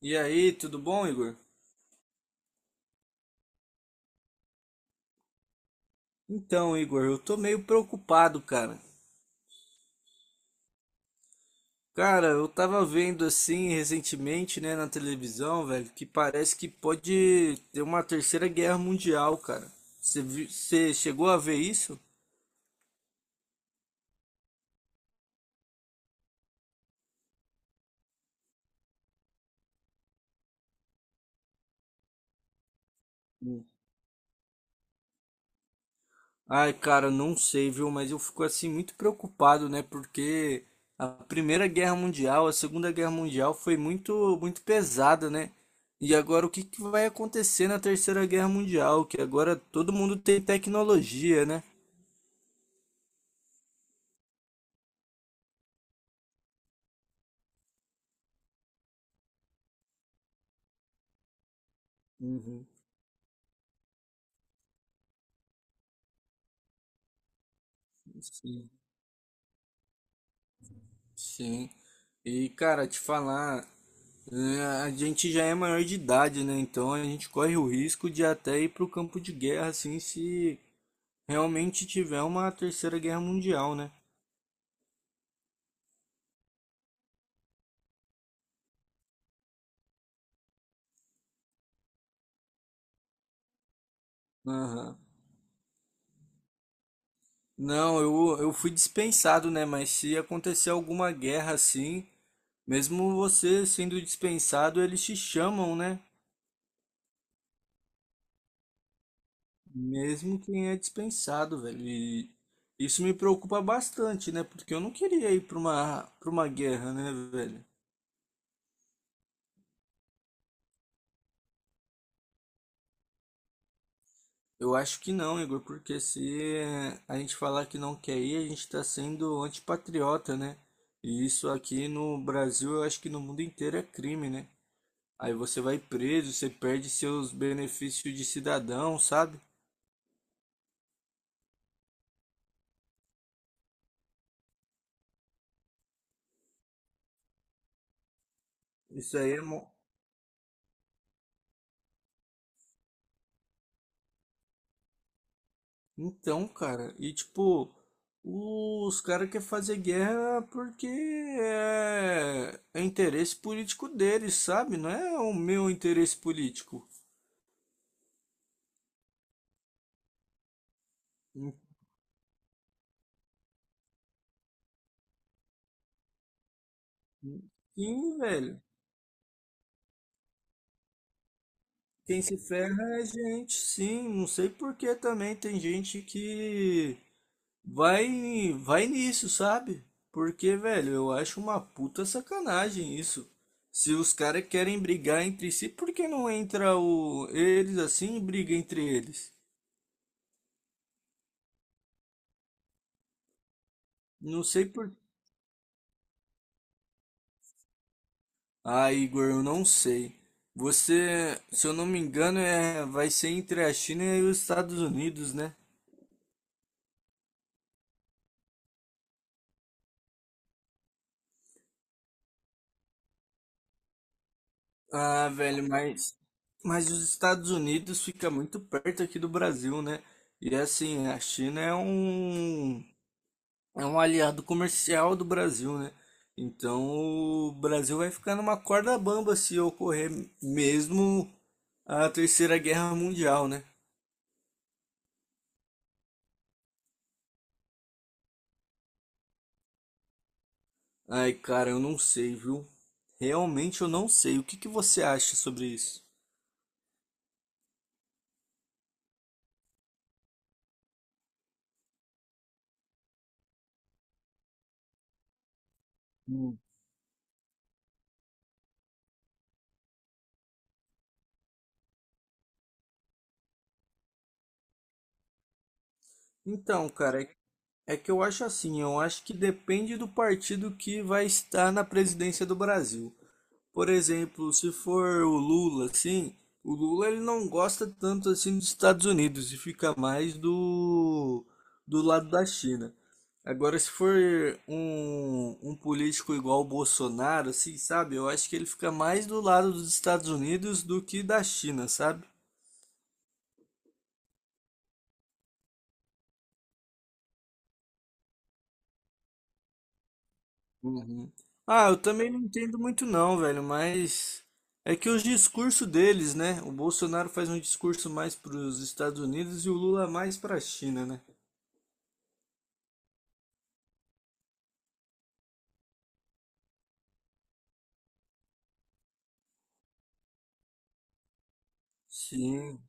E aí, tudo bom, Igor? Então, Igor, eu tô meio preocupado, cara. Cara, eu tava vendo assim recentemente, né, na televisão, velho, que parece que pode ter uma terceira guerra mundial, cara. Você chegou a ver isso? Ai, cara, não sei, viu? Mas eu fico assim muito preocupado, né? Porque a Primeira Guerra Mundial, a Segunda Guerra Mundial foi muito, muito pesada, né? E agora o que que vai acontecer na Terceira Guerra Mundial? Que agora todo mundo tem tecnologia, né? Uhum, sim, sim. E, cara, te falar, a gente já é maior de idade, né? Então a gente corre o risco de até ir pro campo de guerra, assim, se realmente tiver uma Terceira Guerra Mundial, né? Aham. Não, eu fui dispensado, né? Mas se acontecer alguma guerra assim, mesmo você sendo dispensado, eles te chamam, né? Mesmo quem é dispensado, velho. E isso me preocupa bastante, né? Porque eu não queria ir para uma guerra, né, velho? Eu acho que não, Igor, porque se a gente falar que não quer ir, a gente tá sendo antipatriota, né? E isso aqui no Brasil, eu acho que no mundo inteiro é crime, né? Aí você vai preso, você perde seus benefícios de cidadão, sabe? Isso aí é. mo- Então, cara, e tipo, os caras querem fazer guerra porque é interesse político deles, sabe? Não é o meu interesse político. Sim, velho. Quem se ferra é gente, sim. Não sei por que também tem gente que vai, vai nisso, sabe? Porque, velho, eu acho uma puta sacanagem isso. Se os caras querem brigar entre si, por que não entra o eles assim e briga entre eles? Não sei por. Ah, Igor, eu não sei. Você, se eu não me engano, vai ser entre a China e os Estados Unidos, né? Ah, velho, mas os Estados Unidos fica muito perto aqui do Brasil, né? E assim, a China é um aliado comercial do Brasil, né? Então o Brasil vai ficar numa corda bamba se ocorrer mesmo a Terceira Guerra Mundial, né? Ai, cara, eu não sei, viu? Realmente eu não sei. O que que você acha sobre isso? Hum. Então, cara, é que eu acho assim, eu acho que depende do partido que vai estar na presidência do Brasil. Por exemplo, se for o Lula, assim, o Lula ele não gosta tanto assim dos Estados Unidos e fica mais do lado da China. Agora, se for um político igual o Bolsonaro, assim, sabe? Eu acho que ele fica mais do lado dos Estados Unidos do que da China, sabe? Uhum. Ah, eu também não entendo muito não, velho, mas é que os discursos deles, né? O Bolsonaro faz um discurso mais para os Estados Unidos e o Lula mais para a China, né? Sim,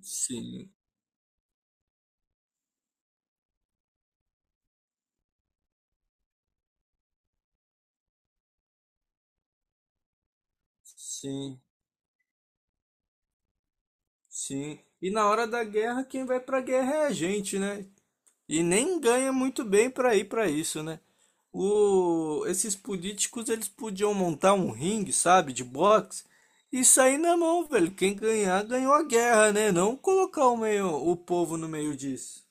sim, sim, sim. E na hora da guerra, quem vai pra guerra é a gente, né? E nem ganha muito bem pra ir pra isso, né? Esses políticos, eles podiam montar um ringue, sabe, de boxe, e sair na mão, velho. Quem ganhar, ganhou a guerra, né? Não colocar o povo no meio disso.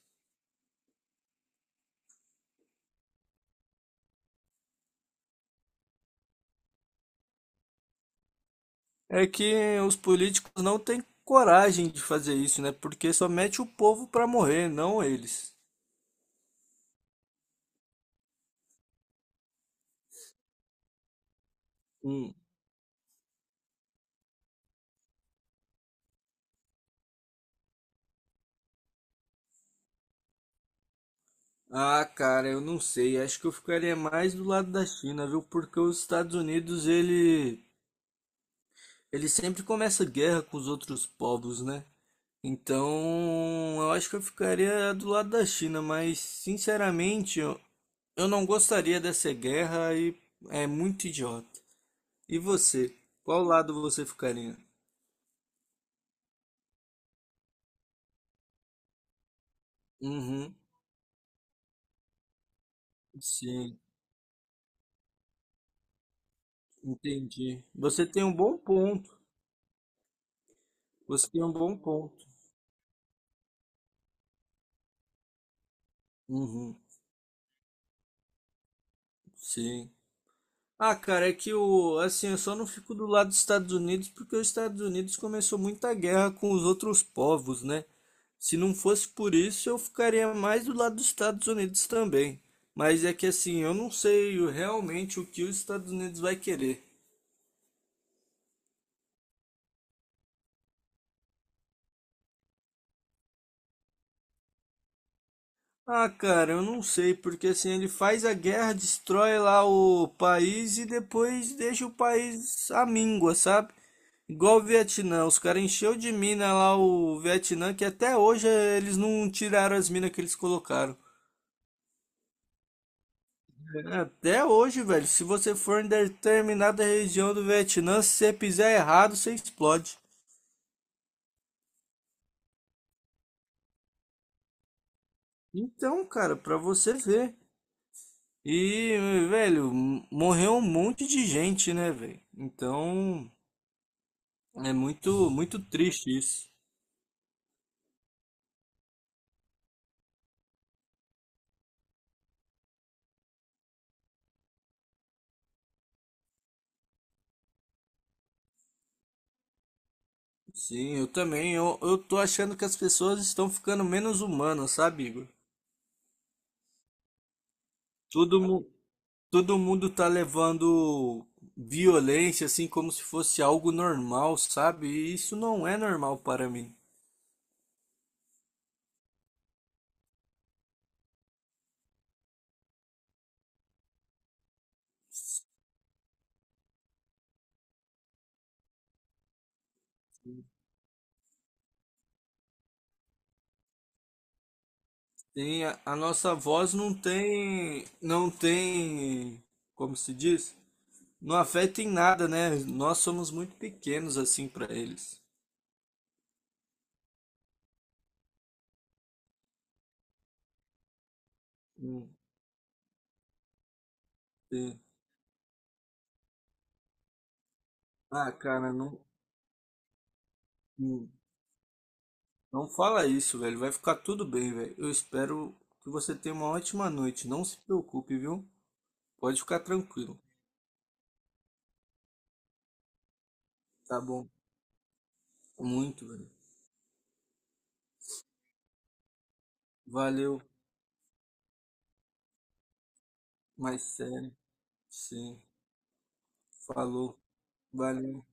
É que os políticos não têm coragem de fazer isso, né? Porque só mete o povo pra morrer, não eles. Um, Ah, cara, eu não sei. Acho que eu ficaria mais do lado da China, viu? Porque os Estados Unidos, ele sempre começa guerra com os outros povos, né? Então, eu acho que eu ficaria do lado da China, mas sinceramente, eu não gostaria dessa guerra e é muito idiota. E você? Qual lado você ficaria? Uhum, sim, entendi. Você tem um bom ponto. Você tem um bom ponto. Uhum, sim. Ah, cara, é que assim, eu só não fico do lado dos Estados Unidos porque os Estados Unidos começou muita guerra com os outros povos, né? Se não fosse por isso, eu ficaria mais do lado dos Estados Unidos também. Mas é que assim, eu não sei o- realmente o que os Estados Unidos vai querer. Ah, cara, eu não sei, porque assim, ele faz a guerra, destrói lá o país e depois deixa o país à míngua, sabe? Igual o Vietnã, os caras encheu de mina lá o Vietnã, que até hoje eles não tiraram as minas que eles colocaram. Até hoje, velho, se você for em determinada região do Vietnã, se você pisar errado, você explode. Então, cara, pra você ver. E, velho, morreu um monte de gente, né, velho? Então. É muito, muito triste isso. Sim, eu também. Eu tô achando que as pessoas estão ficando menos humanas, sabe, Igor? Todo, mu- todo mundo tá levando violência assim como se fosse algo normal, sabe? E isso não é normal para mim. A nossa voz não tem, como se diz? Não afeta em nada, né? Nós somos muito pequenos assim para eles. Hum, sim. Ah, cara, não. Hum. Não fala isso, velho. Vai ficar tudo bem, velho. Eu espero que você tenha uma ótima noite. Não se preocupe, viu? Pode ficar tranquilo. Tá bom. Muito, velho. Valeu. Mais sério. Sim. Falou. Valeu.